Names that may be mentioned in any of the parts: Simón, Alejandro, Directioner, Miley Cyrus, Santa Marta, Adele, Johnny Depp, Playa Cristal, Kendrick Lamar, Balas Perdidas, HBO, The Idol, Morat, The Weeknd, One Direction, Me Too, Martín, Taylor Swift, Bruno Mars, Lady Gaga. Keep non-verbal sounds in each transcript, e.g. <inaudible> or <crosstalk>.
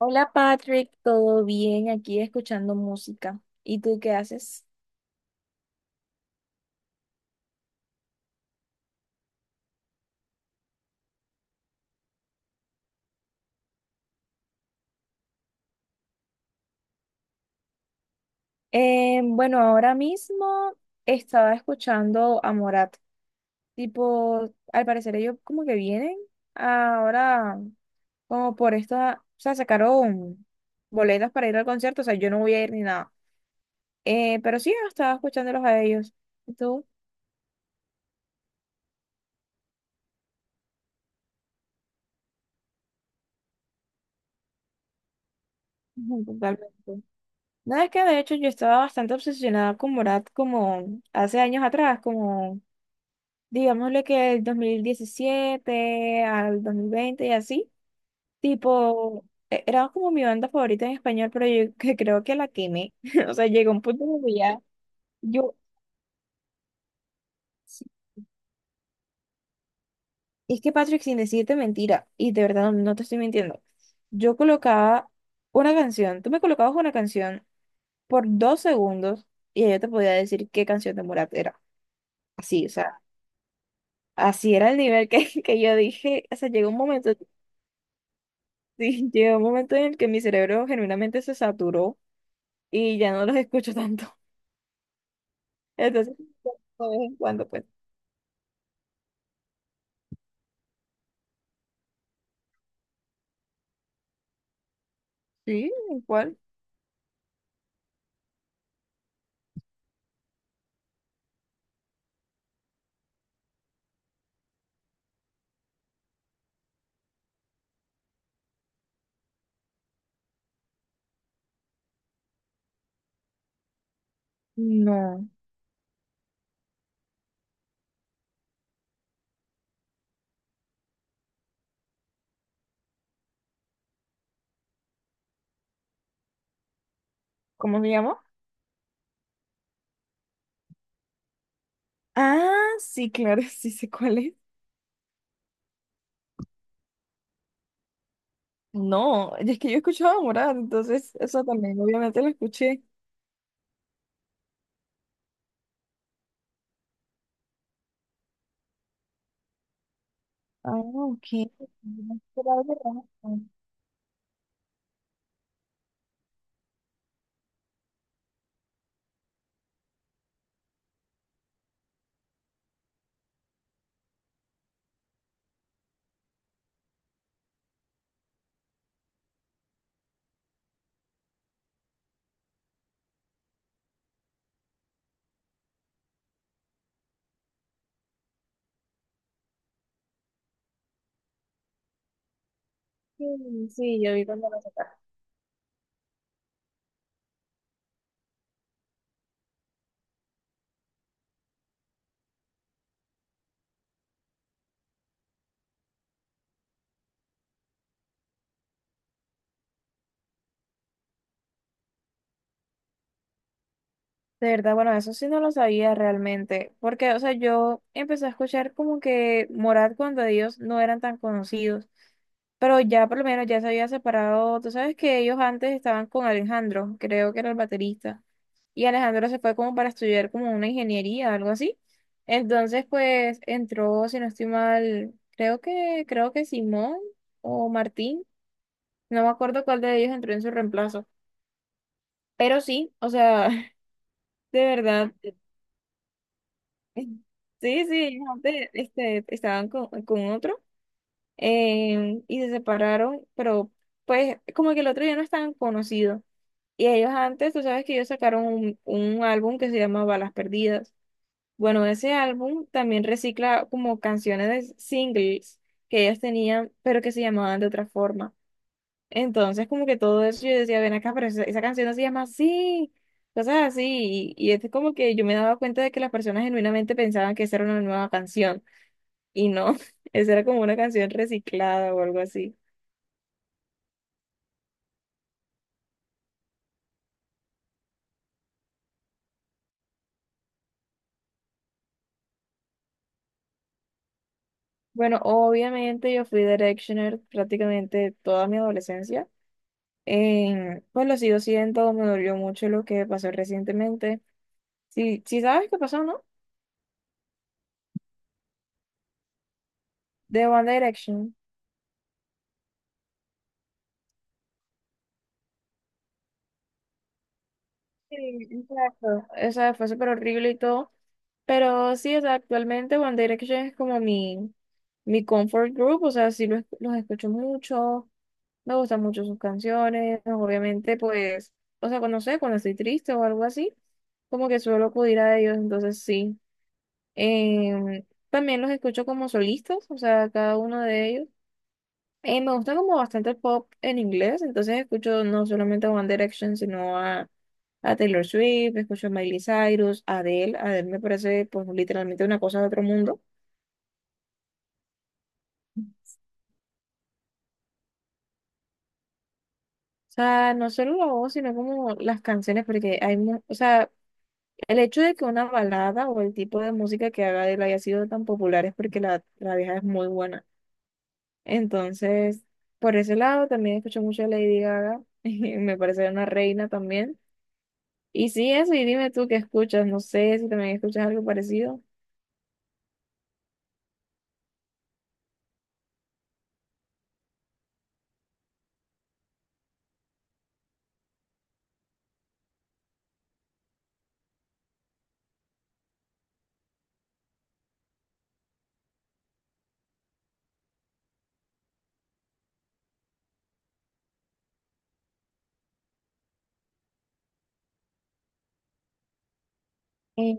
Hola Patrick, ¿todo bien? Aquí escuchando música. ¿Y tú qué haces? Bueno, ahora mismo estaba escuchando a Morat. Tipo, al parecer ellos como que vienen ahora como por esta, o sea, sacaron boletas para ir al concierto, o sea, yo no voy a ir ni nada. Pero sí, estaba escuchándolos a ellos. ¿Y tú? Ujú, totalmente. Nada, es que de hecho yo estaba bastante obsesionada con Morat como hace años atrás, como digámosle que el 2017 al 2020 y así, tipo, era como mi banda favorita en español, pero yo <laughs> que creo que la quemé. <laughs> O sea, llegó un punto en el que ya, yo, sí, es que Patrick, sin decirte mentira, y de verdad no, no te estoy mintiendo, yo colocaba una canción, tú me colocabas una canción por 2 segundos y ya yo te podía decir qué canción de Morat era. Así, o sea, así era el nivel que, <laughs> que yo dije, o sea, llegó un momento. Sí, llegó un momento en el que mi cerebro genuinamente se saturó y ya no los escucho tanto. <laughs> Entonces, de vez en cuando, pues. Sí, ¿cuál? No. ¿Cómo se llama? Ah, sí, claro, <laughs> sí sé cuál es. No, es que yo escuchaba Morat, entonces eso también, obviamente lo escuché. Ah, ok. Era algo raro. Sí, sí, yo vi cuando lo sacaron. De verdad, bueno, eso sí no lo sabía realmente, porque, o sea, yo empecé a escuchar como que Morat cuando ellos no eran tan conocidos, pero ya por lo menos ya se había separado, tú sabes que ellos antes estaban con Alejandro, creo que era el baterista, y Alejandro se fue como para estudiar como una ingeniería, algo así, entonces pues entró, si no estoy mal, creo que Simón o Martín, no me acuerdo cuál de ellos entró en su reemplazo, pero sí, o sea, <laughs> de verdad. Sí, sí, antes, este, estaban con otro y se separaron, pero pues como que el otro ya no estaban conocidos. Y ellos antes, tú sabes que ellos sacaron un álbum que se llama Balas Perdidas. Bueno, ese álbum también recicla como canciones de singles que ellos tenían, pero que se llamaban de otra forma. Entonces, como que todo eso, yo decía, ven acá, pero esa canción no se llama así, cosas así. Y es como que yo me daba cuenta de que las personas genuinamente pensaban que esa era una nueva canción y no, <laughs> esa era como una canción reciclada o algo así. Bueno, obviamente yo fui Directioner prácticamente toda mi adolescencia. Pues lo sigo siendo, me dolió mucho lo que pasó recientemente. Sí, sí sabes qué pasó, ¿no? De One Direction. Sí, exacto. O sea, fue súper horrible y todo. Pero sí, o sea, actualmente One Direction es como mi comfort group. O sea, sí los escucho mucho. Me gustan mucho sus canciones. Obviamente, pues, o sea, cuando sé, cuando estoy triste o algo así, como que suelo acudir a ellos. Entonces, sí. Em, también los escucho como solistas, o sea, cada uno de ellos. Me gusta como bastante el pop en inglés, entonces escucho no solamente a One Direction, sino a Taylor Swift, escucho a Miley Cyrus, a Adele. Adele me parece pues literalmente una cosa de otro mundo. O sea, no solo la voz, sino como las canciones, porque hay, o sea, el hecho de que una balada o el tipo de música que haga Adele haya sido tan popular es porque la vieja es muy buena. Entonces, por ese lado también escucho mucho a Lady Gaga, <laughs> me parece una reina también. Y sí, eso, y dime tú qué escuchas, no sé si también escuchas algo parecido. Eh,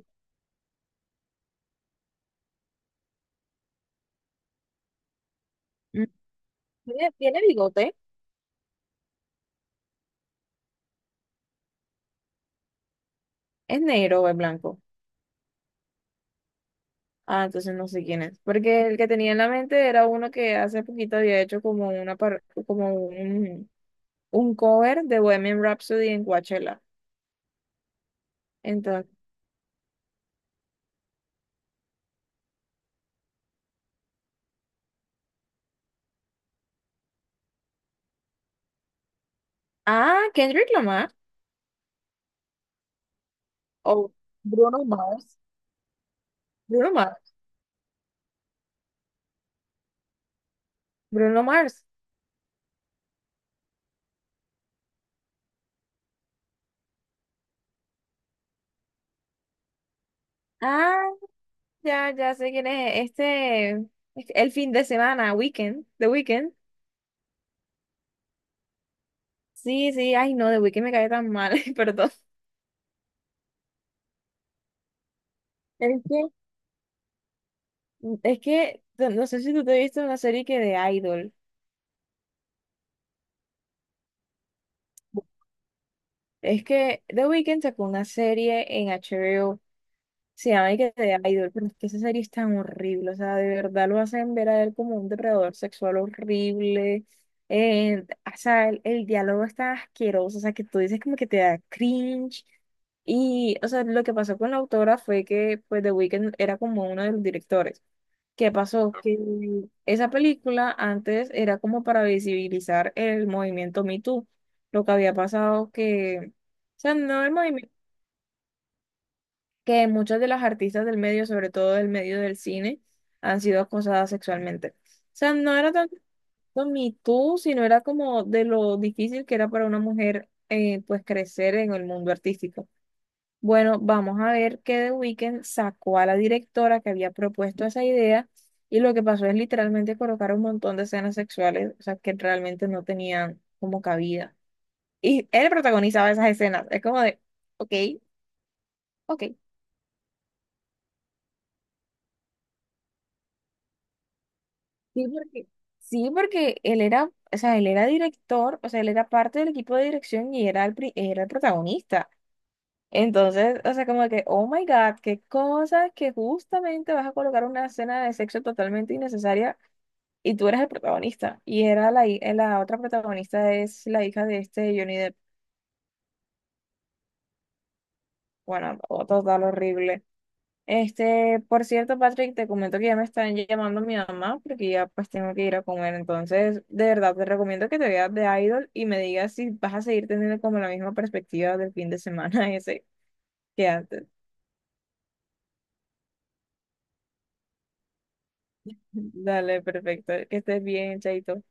mm, ¿tiene bigote? ¿Es negro o es blanco? Ah, entonces no sé quién es. Porque el que tenía en la mente era uno que hace poquito había hecho como una par- como un cover de Bohemian Rhapsody en Coachella. Entonces, ah, ¿Kendrick Lamar o Bruno Mars? Bruno Mars. Bruno Mars. Ah, ya, ya sé quién es. El fin de semana, Weekend, The Weekend. Sí, sí, ay no, The Weeknd me cae tan mal, <laughs> perdón. Es que, no sé si tú te viste una serie que de Idol. Es que The Weeknd sacó una serie en HBO, se llama y que The Idol, pero es que esa serie es tan horrible, o sea, de verdad lo hacen ver a él como un depredador sexual horrible, o sea, el diálogo está asqueroso, o sea, que tú dices como que te da cringe, y, o sea, lo que pasó con la autora fue que, pues, The Weeknd era como uno de los directores. ¿Qué pasó? Que esa película antes era como para visibilizar el movimiento Me Too. Lo que había pasado que, o sea, no el movimiento, que muchas de las artistas del medio, sobre todo del medio del cine, han sido acosadas sexualmente. O sea, no era tanto Me Too, sino era como de lo difícil que era para una mujer, pues, crecer en el mundo artístico. Bueno, vamos a ver que The Weeknd sacó a la directora que había propuesto esa idea y lo que pasó es literalmente colocar un montón de escenas sexuales, o sea, que realmente no tenían como cabida. Y él protagonizaba esas escenas. Es como de, ok, ok. Sí, porque, sí, porque él era, o sea, él era director, o sea, él era parte del equipo de dirección y era el protagonista. Entonces, o sea, como que, oh my God, qué cosa que justamente vas a colocar una escena de sexo totalmente innecesaria y tú eres el protagonista. La otra protagonista es la hija de este Johnny Depp. Bueno, otro total horrible. Este, por cierto, Patrick, te comento que ya me están llamando mi mamá porque ya pues tengo que ir a comer. Entonces, de verdad, te recomiendo que te veas de Idol y me digas si vas a seguir teniendo como la misma perspectiva del fin de semana <laughs> ese que antes. Dale, perfecto. Que estés bien, Chaito.